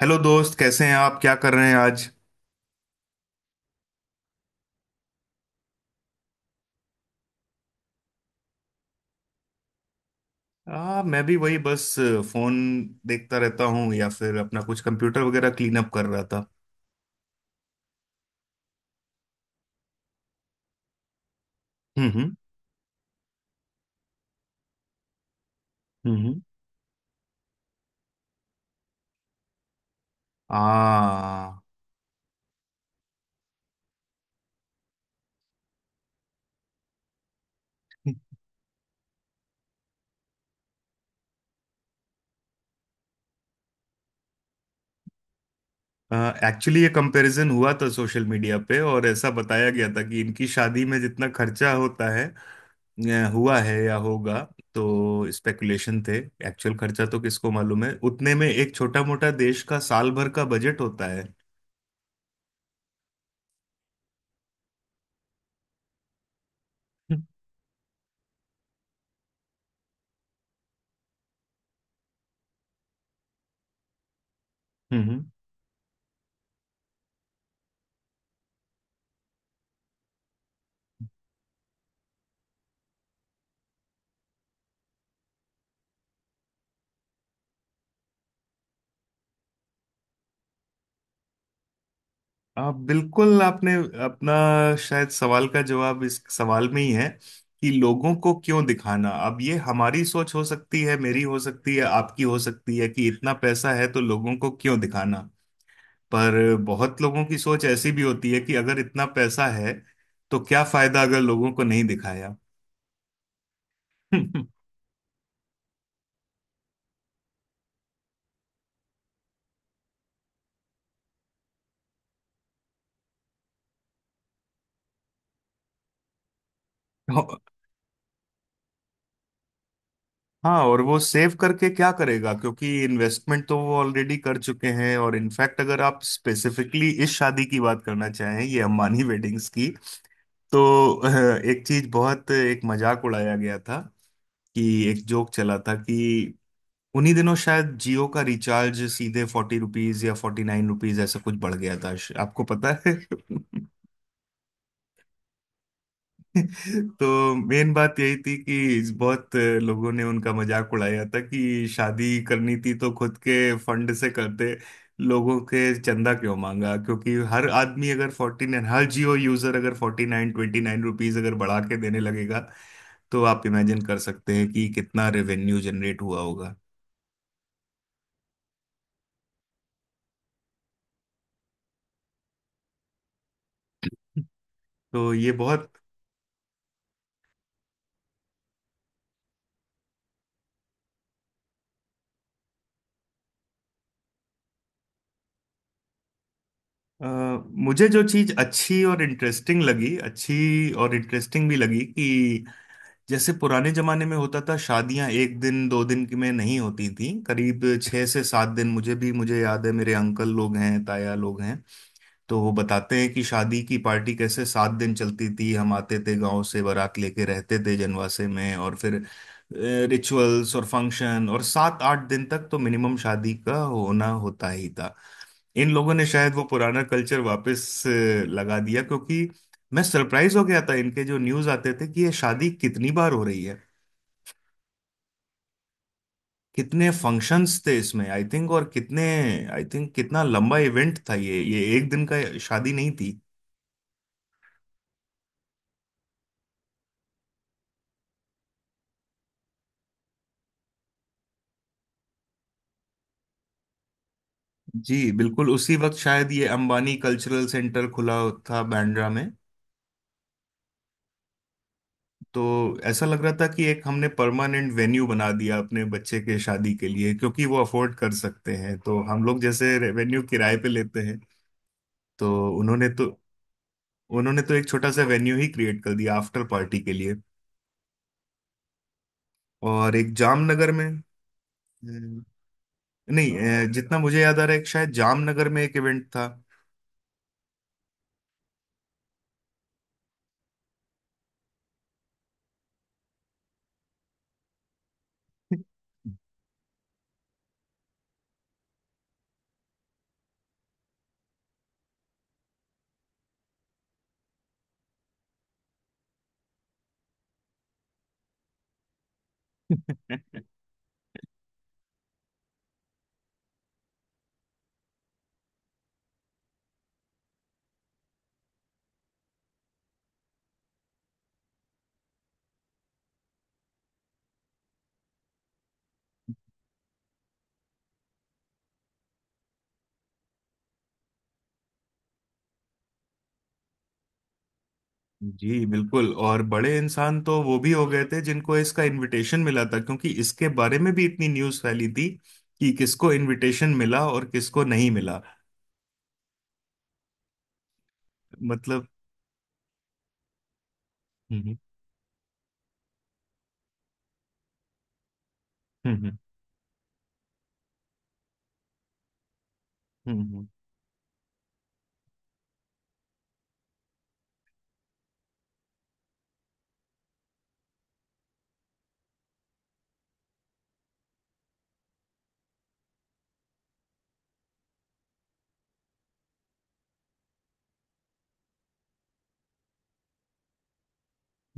Hello दोस्त, कैसे हैं आप? क्या कर रहे हैं आज? मैं भी वही, बस फोन देखता रहता हूँ, या फिर अपना कुछ कंप्यूटर वगैरह क्लीन अप कर रहा था। हम्म। हम्म हम्म। आ, एक्चुअली ये कंपैरिजन हुआ था सोशल मीडिया पे, और ऐसा बताया गया था कि इनकी शादी में जितना खर्चा होता है हुआ है या होगा, तो स्पेकुलेशन थे। एक्चुअल खर्चा तो किसको मालूम है, उतने में एक छोटा मोटा देश का साल भर का बजट होता है। हम्म। आप बिल्कुल, आपने अपना शायद सवाल का जवाब इस सवाल में ही है कि लोगों को क्यों दिखाना। अब ये हमारी सोच हो सकती है, मेरी हो सकती है, आपकी हो सकती है कि इतना पैसा है तो लोगों को क्यों दिखाना। पर बहुत लोगों की सोच ऐसी भी होती है कि अगर इतना पैसा है तो क्या फायदा अगर लोगों को नहीं दिखाया। तो हाँ, और वो सेव करके क्या करेगा, क्योंकि इन्वेस्टमेंट तो वो ऑलरेडी कर चुके हैं। और इनफैक्ट अगर आप स्पेसिफिकली इस शादी की बात करना चाहें, ये अम्बानी वेडिंग्स की, तो एक चीज बहुत, एक मजाक उड़ाया गया था कि, एक जोक चला था कि उन्हीं दिनों शायद जियो का रिचार्ज सीधे 40 रुपीज या 49 रुपीज ऐसा कुछ बढ़ गया था। आपको पता है? तो मेन बात यही थी कि बहुत लोगों ने उनका मजाक उड़ाया था कि शादी करनी थी तो खुद के फंड से करते, लोगों के चंदा क्यों मांगा। क्योंकि हर आदमी अगर 49, हर जियो यूजर अगर 49 29 रुपीज अगर बढ़ा के देने लगेगा तो आप इमेजिन कर सकते हैं कि कितना रेवेन्यू जनरेट हुआ होगा। तो ये बहुत अ, मुझे जो चीज अच्छी और इंटरेस्टिंग लगी, अच्छी और इंटरेस्टिंग भी लगी कि जैसे पुराने जमाने में होता था शादियां एक दिन दो दिन की में नहीं होती थी, करीब 6 से 7 दिन। मुझे याद है, मेरे अंकल लोग हैं, ताया लोग हैं, तो वो बताते हैं कि शादी की पार्टी कैसे 7 दिन चलती थी। हम आते थे गांव से बारात लेके, रहते थे जनवासे में, और फिर रिचुअल्स और फंक्शन, और 7 8 दिन तक तो मिनिमम शादी का होना होता ही था। इन लोगों ने शायद वो पुराना कल्चर वापस अ, लगा दिया, क्योंकि मैं सरप्राइज हो गया था। इनके जो न्यूज आते थे कि ये शादी कितनी बार हो रही है, कितने फंक्शंस थे इसमें, आई थिंक, और कितने, आई थिंक कितना लंबा इवेंट था। ये एक दिन का शादी नहीं थी। जी बिल्कुल। उसी वक्त शायद ये अंबानी कल्चरल सेंटर खुला था बांद्रा में, तो ऐसा लग रहा था कि एक हमने परमानेंट वेन्यू बना दिया अपने बच्चे के शादी के लिए, क्योंकि वो अफोर्ड कर सकते हैं, तो हम लोग जैसे वेन्यू किराए पे लेते हैं। तो उन्होंने तो उन्होंने तो एक छोटा सा वेन्यू ही क्रिएट कर दिया आफ्टर पार्टी के लिए। और एक जामनगर में, नहीं और जितना मुझे याद आ रहा है एक शायद जामनगर में एक इवेंट था। जी बिल्कुल। और बड़े इंसान तो वो भी हो गए थे जिनको इसका इनविटेशन मिला था, क्योंकि इसके बारे में भी इतनी न्यूज़ फैली थी कि किसको इनविटेशन मिला और किसको नहीं मिला। मतलब। हम्म हम्म। हम्म हम्म।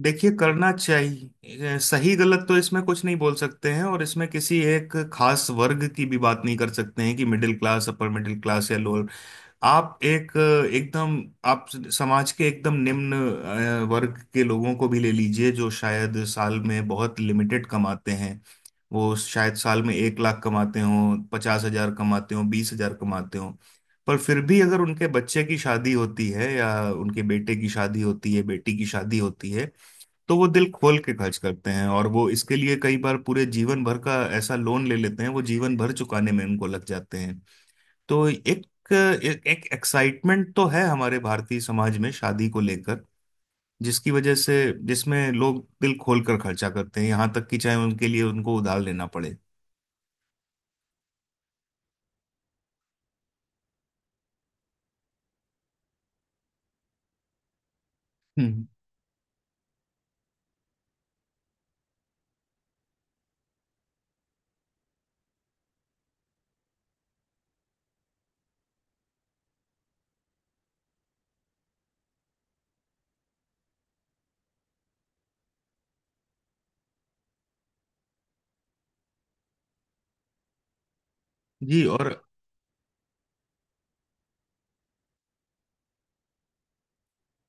देखिए करना चाहिए, सही गलत तो इसमें कुछ नहीं बोल सकते हैं, और इसमें किसी एक खास वर्ग की भी बात नहीं कर सकते हैं कि middle class, upper middle class या लोअर। आप एक एकदम, आप समाज के एकदम निम्न वर्ग के लोगों को भी ले लीजिए, जो शायद साल में बहुत लिमिटेड कमाते हैं। वो शायद साल में 1 लाख कमाते हों, 50 हजार कमाते हों, 20 हजार कमाते हों। पर फिर भी अगर उनके बच्चे की शादी होती है, या उनके बेटे की शादी होती है, बेटी की शादी होती है, तो वो दिल खोल के खर्च करते हैं। और वो इसके लिए कई बार पूरे जीवन भर का ऐसा लोन ले लेते हैं, वो जीवन भर चुकाने में उनको लग जाते हैं। तो एक एक, एक एक्साइटमेंट तो है हमारे भारतीय समाज में शादी को लेकर, जिसकी वजह से जिसमें लोग दिल खोल कर खर्चा करते हैं, यहाँ तक कि चाहे उनके लिए उनको उधार लेना पड़े। हम्म। जी और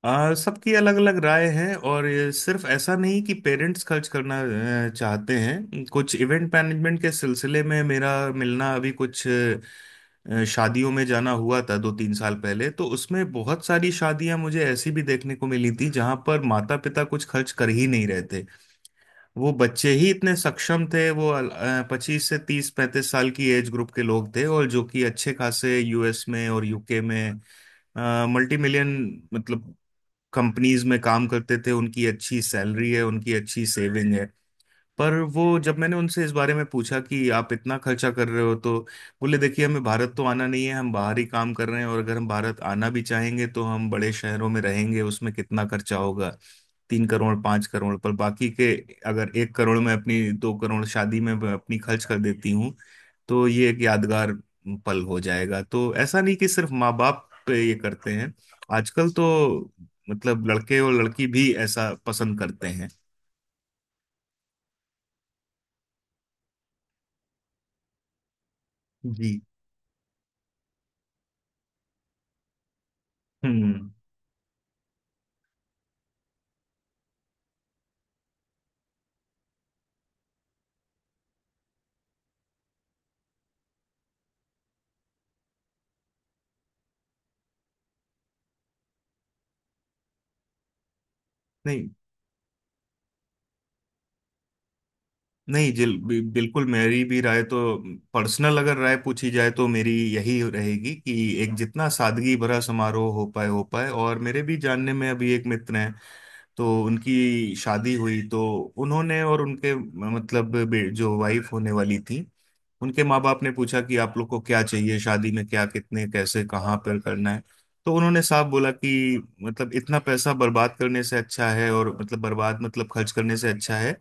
आ, सबकी अलग अलग राय है, और ये सिर्फ ऐसा नहीं कि पेरेंट्स खर्च करना चाहते हैं। कुछ इवेंट मैनेजमेंट के सिलसिले में मेरा मिलना, अभी कुछ शादियों में जाना हुआ था 2 3 साल पहले। तो उसमें बहुत सारी शादियां मुझे ऐसी भी देखने को मिली थी जहां पर माता पिता कुछ खर्च कर ही नहीं रहे थे। वो बच्चे ही इतने सक्षम थे, वो 25 से 30 35 साल की एज ग्रुप के लोग थे, और जो कि अच्छे खासे यूएस में और यूके में मल्टी मिलियन मतलब कंपनीज में काम करते थे। उनकी अच्छी सैलरी है, उनकी अच्छी सेविंग है। पर वो जब मैंने उनसे इस बारे में पूछा कि आप इतना खर्चा कर रहे हो, तो बोले, देखिए, हमें भारत तो आना नहीं है, हम बाहर ही काम कर रहे हैं, और अगर हम भारत आना भी चाहेंगे तो हम बड़े शहरों में रहेंगे। उसमें कितना खर्चा होगा? 3 करोड़, 5 करोड़। पर बाकी के, अगर 1 करोड़ में अपनी, 2 करोड़ शादी में अपनी खर्च कर देती हूँ, तो ये एक यादगार पल हो जाएगा। तो ऐसा नहीं कि सिर्फ माँ बाप पे ये करते हैं, आजकल तो मतलब लड़के और लड़की भी ऐसा पसंद करते हैं। जी। हम्म। नहीं, नहीं बिल्कुल। मेरी भी राय तो, पर्सनल अगर राय पूछी जाए तो मेरी यही रहेगी कि एक जितना सादगी भरा समारोह हो पाए हो पाए। और मेरे भी जानने में अभी एक मित्र हैं, तो उनकी शादी हुई, तो उन्होंने और उनके मतलब जो वाइफ होने वाली थी, उनके माँ बाप ने पूछा कि आप लोग को क्या चाहिए शादी में, क्या कितने कैसे कहाँ पर करना है। तो उन्होंने साफ बोला कि मतलब इतना पैसा बर्बाद करने से अच्छा है, और मतलब बर्बाद मतलब खर्च करने से अच्छा है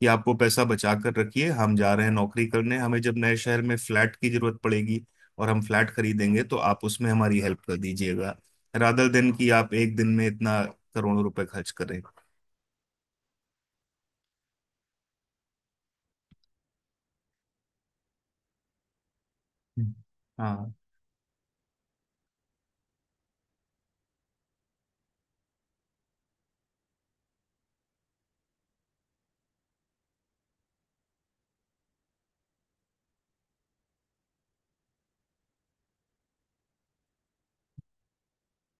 कि आप वो पैसा बचा कर रखिए। हम जा रहे हैं नौकरी करने, हमें जब नए शहर में फ्लैट की जरूरत पड़ेगी और हम फ्लैट खरीदेंगे तो आप उसमें हमारी हेल्प कर दीजिएगा, रादर देन कि आप एक दिन में इतना करोड़ों रुपए खर्च करें। हम्म।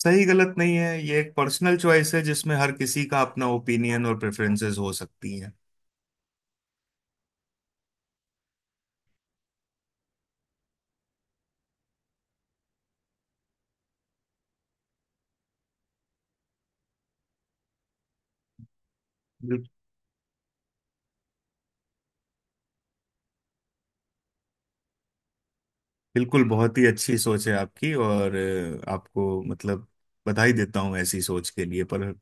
सही गलत नहीं है, ये एक पर्सनल चॉइस है जिसमें हर किसी का अपना ओपिनियन और प्रेफरेंसेस हो सकती हैं। बिल- बिल्कुल, बहुत ही अच्छी सोच है आपकी। और आपको मतलब बधाई देता हूँ ऐसी सोच के लिए, पर